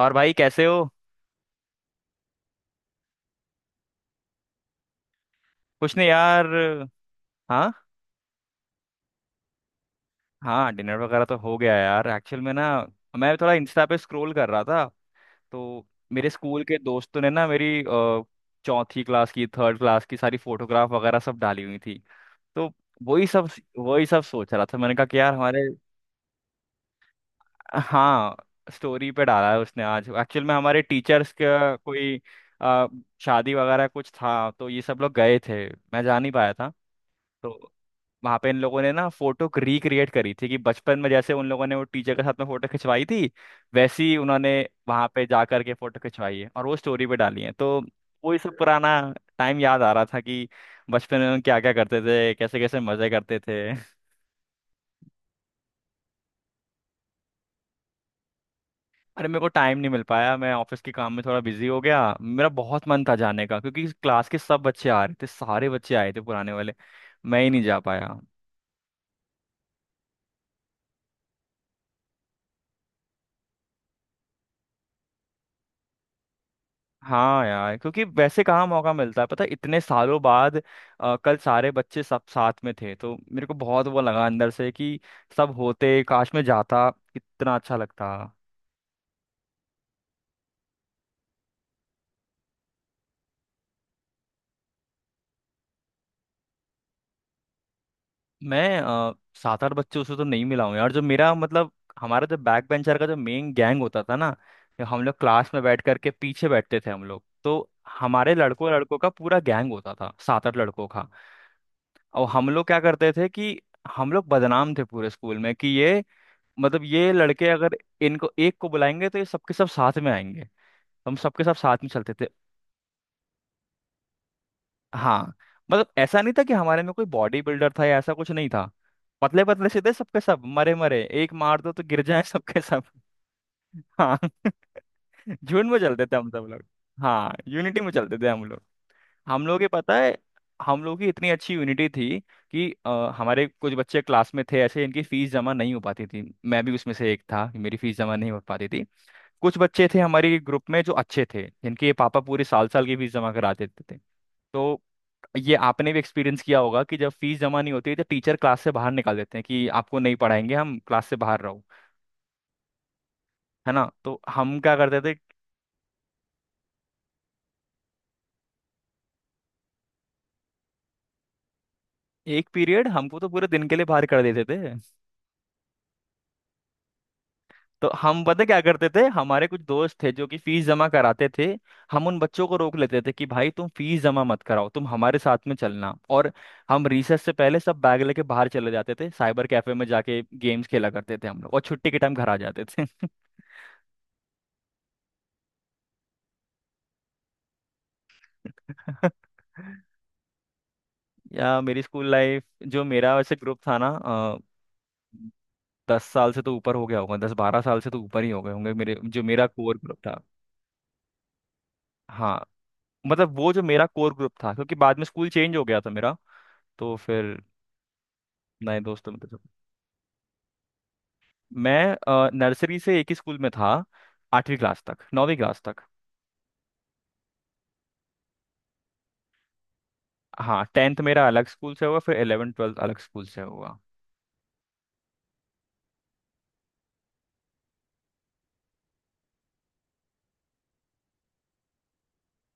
और भाई कैसे हो। कुछ नहीं यार। हाँ। हाँ डिनर वगैरह तो हो गया यार एक्चुअल में ना। मैं थोड़ा इंस्टा पे स्क्रॉल कर रहा था तो मेरे स्कूल के दोस्तों ने ना मेरी चौथी क्लास की थर्ड क्लास की सारी फोटोग्राफ वगैरह सब डाली हुई थी। तो वही सब वही सब सोच रहा था मैंने कहा कि यार हमारे। हाँ। स्टोरी पे डाला है उसने आज एक्चुअल में हमारे टीचर्स का कोई अ, शादी वगैरह कुछ था तो ये सब लोग गए थे। मैं जा नहीं पाया था। तो वहां पे इन लोगों ने ना फोटो रिक्रिएट करी थी कि बचपन में जैसे उन लोगों ने वो टीचर के साथ में फोटो खिंचवाई थी वैसी उन्होंने वहां पे जा करके फोटो खिंचवाई है और वो स्टोरी पे डाली है। तो वो ये सब पुराना टाइम याद आ रहा था कि बचपन में हम क्या क्या करते थे कैसे कैसे मजे करते थे। अरे मेरे को टाइम नहीं मिल पाया, मैं ऑफिस के काम में थोड़ा बिजी हो गया। मेरा बहुत मन था जाने का क्योंकि क्लास के सब बच्चे आ रहे थे, सारे बच्चे आए थे पुराने वाले। मैं ही नहीं जा पाया। हाँ यार, क्योंकि वैसे कहाँ मौका मिलता है पता है इतने सालों बाद। कल सारे बच्चे सब साथ में थे तो मेरे को बहुत वो लगा अंदर से कि सब होते काश, में जाता कितना अच्छा लगता। मैं सात आठ बच्चों से तो नहीं मिला हूँ यार, जो मेरा मतलब हमारा जो बैक बेंचर का जो मेन गैंग होता था ना, जो हम लोग क्लास में बैठ करके पीछे बैठते थे हम लोग तो। हमारे लड़कों लड़कों का पूरा गैंग होता था सात आठ लड़कों का। और हम लोग क्या करते थे कि हम लोग बदनाम थे पूरे स्कूल में कि ये मतलब ये लड़के अगर इनको एक को बुलाएंगे तो ये सबके सब साथ में आएंगे। हम सबके सब साथ में चलते थे। हाँ। मतलब ऐसा नहीं था कि हमारे में कोई बॉडी बिल्डर था या ऐसा, कुछ नहीं था। पतले पतले से थे सबके सब, मरे मरे, एक मार दो तो गिर जाए सबके सब। हाँ। झुंड में चलते थे हम सब लोग। हाँ यूनिटी में चलते थे हम लोग। हम लोग के पता है हम लोग की इतनी अच्छी यूनिटी थी कि हमारे कुछ बच्चे क्लास में थे ऐसे, इनकी फीस जमा नहीं हो पाती थी। मैं भी उसमें से एक था, मेरी फीस जमा नहीं हो पाती थी। कुछ बच्चे थे हमारे ग्रुप में जो अच्छे थे, जिनके पापा पूरे साल साल की फीस जमा करा देते थे। तो ये आपने भी एक्सपीरियंस किया होगा कि जब फीस जमा नहीं होती है तो टीचर क्लास से बाहर निकाल देते हैं कि आपको नहीं पढ़ाएंगे हम, क्लास से बाहर रहो। है ना, तो हम क्या करते थे। एक पीरियड हमको, तो पूरे दिन के लिए बाहर कर देते थे। तो हम पता क्या करते थे, हमारे कुछ दोस्त थे जो कि फीस जमा कराते थे। हम उन बच्चों को रोक लेते थे कि भाई तुम फीस जमा मत कराओ, तुम हमारे साथ में चलना। और हम रिसेस से पहले सब बैग लेके बाहर चले जाते थे, साइबर कैफे में जाके गेम्स खेला करते थे हम लोग, और छुट्टी के टाइम घर आ जाते थे। या मेरी स्कूल लाइफ, जो मेरा वैसे ग्रुप था ना, 10 साल से तो ऊपर हो गया होगा, 10-12 साल से तो ऊपर ही हो गए होंगे, मेरे जो मेरा कोर ग्रुप था। हाँ। मतलब वो जो मेरा कोर ग्रुप था क्योंकि बाद में स्कूल चेंज हो गया था मेरा। तो फिर नए दोस्तों में तो। मैं नर्सरी से एक ही स्कूल में था, 8वीं क्लास तक, 9वीं क्लास तक। हाँ टेंथ मेरा अलग स्कूल से हुआ, फिर इलेवन ट्वेल्थ अलग स्कूल से हुआ।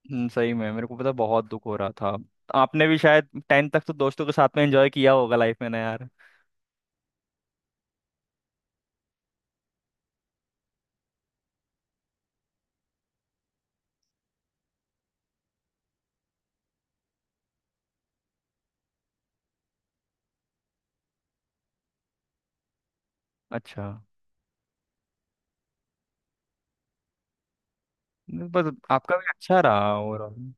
सही में मेरे को पता बहुत दुख हो रहा था। आपने भी शायद टेंथ तक तो दोस्तों के साथ में एंजॉय किया होगा लाइफ में ना यार। अच्छा। नहीं, बस आपका भी अच्छा रहा ओवरऑल।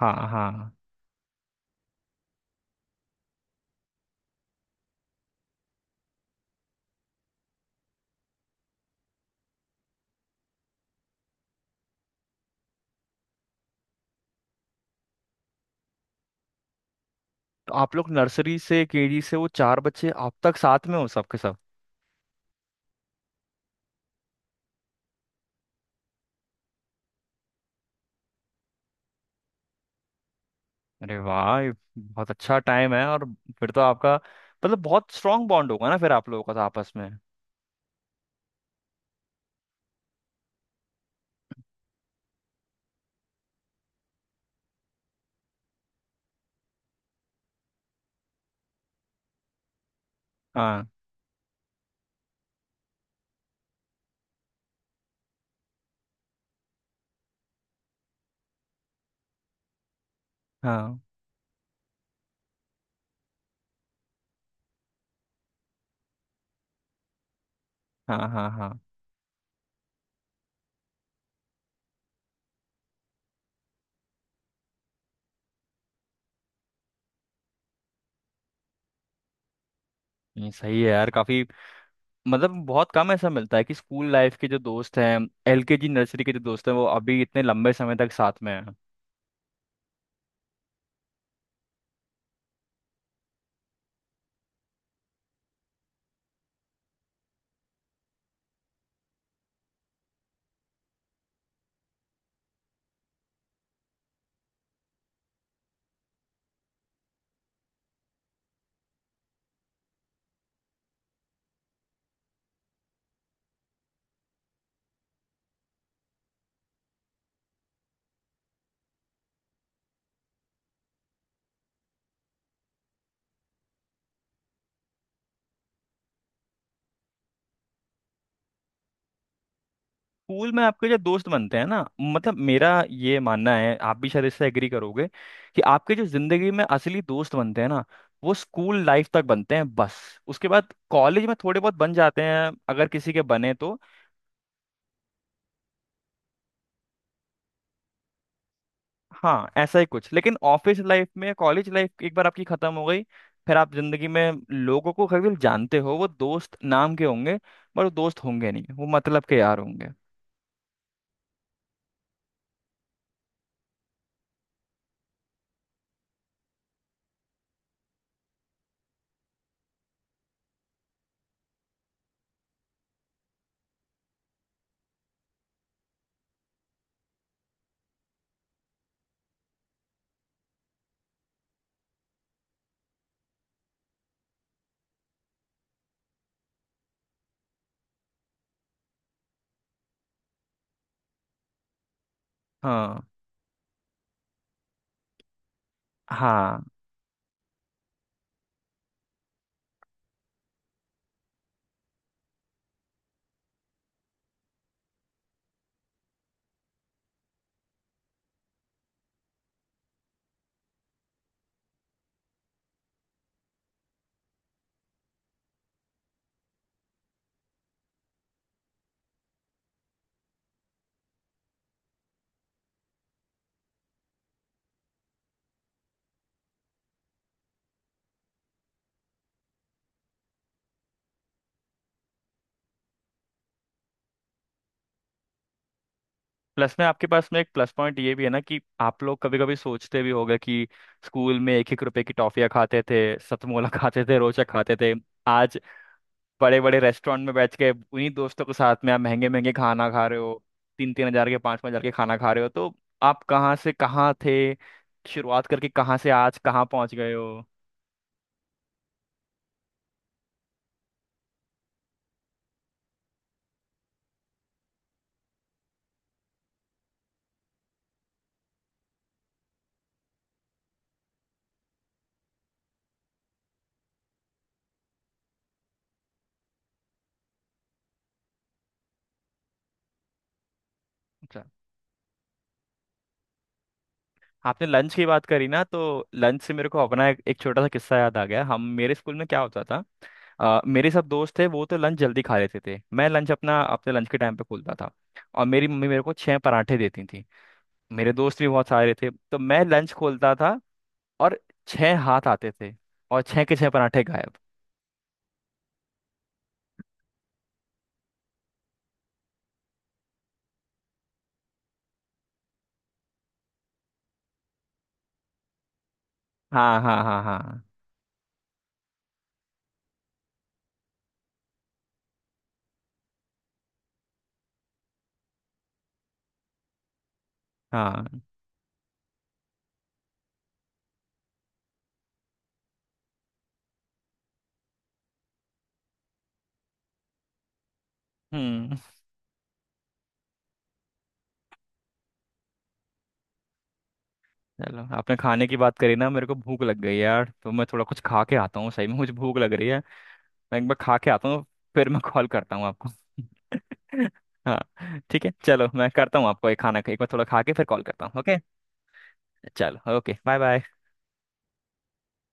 हाँ हाँ। तो आप लोग नर्सरी से, केजी से वो चार बच्चे आप तक साथ में हो सबके सब। अरे वाह, ये बहुत अच्छा टाइम है। और फिर तो आपका मतलब बहुत स्ट्रांग बॉन्ड होगा ना फिर आप लोगों का तो आपस में। हाँ हाँ हाँ हाँ हाँ। नहीं सही है यार, काफी मतलब बहुत कम ऐसा मिलता है कि स्कूल लाइफ के जो दोस्त हैं, एलकेजी नर्सरी के जो दोस्त हैं, वो अभी इतने लंबे समय तक साथ में हैं। स्कूल में आपके जो दोस्त बनते हैं ना, मतलब मेरा ये मानना है, आप भी शायद इससे एग्री करोगे कि आपके जो जिंदगी में असली दोस्त बनते हैं ना, वो स्कूल लाइफ तक बनते हैं बस। उसके बाद कॉलेज में थोड़े बहुत बन जाते हैं अगर किसी के बने तो। हाँ ऐसा ही कुछ, लेकिन ऑफिस लाइफ में, कॉलेज लाइफ एक बार आपकी खत्म हो गई, फिर आप जिंदगी में लोगों को केवल जानते हो, वो दोस्त नाम के होंगे। पर वो दोस्त होंगे नहीं, वो मतलब के यार होंगे। हाँ हाँ। प्लस में आपके पास में एक प्लस पॉइंट ये भी है ना कि आप लोग कभी कभी सोचते भी होगे कि स्कूल में एक एक रुपए की टॉफियाँ खाते थे, सतमोला खाते थे, रोचा खाते थे। आज बड़े बड़े रेस्टोरेंट में बैठ के उन्हीं दोस्तों के साथ में आप महंगे महंगे खाना खा रहे हो। तीन तीन हजार के, पाँच पाँच हजार के खाना खा रहे हो। तो आप कहाँ से कहाँ थे, शुरुआत करके कहाँ से आज कहाँ पहुँच गए हो। अच्छा। आपने लंच की बात करी ना, तो लंच से मेरे को अपना एक छोटा सा किस्सा याद आ गया। हम मेरे स्कूल में क्या होता था, मेरे सब दोस्त थे वो तो लंच जल्दी खा लेते थे, मैं लंच अपना अपने लंच के टाइम पे खोलता था। और मेरी मम्मी मेरे को छह पराठे देती थी। मेरे दोस्त भी बहुत सारे थे तो मैं लंच खोलता था, और छह हाथ आते थे, और छह के छह पराठे गायब। हाँ हाँ हाँ हाँ हाँ। हम्म। चलो आपने खाने की बात करी ना, मेरे को भूख लग गई यार, तो मैं थोड़ा कुछ खा के आता हूँ, सही में मुझे भूख लग रही है। मैं एक बार खा के आता हूँ, फिर मैं कॉल करता हूँ आपको। हाँ ठीक है, चलो मैं करता हूँ आपको, एक खाना एक बार थोड़ा खा के फिर कॉल करता हूँ, ओके। चलो ओके बाय बाय।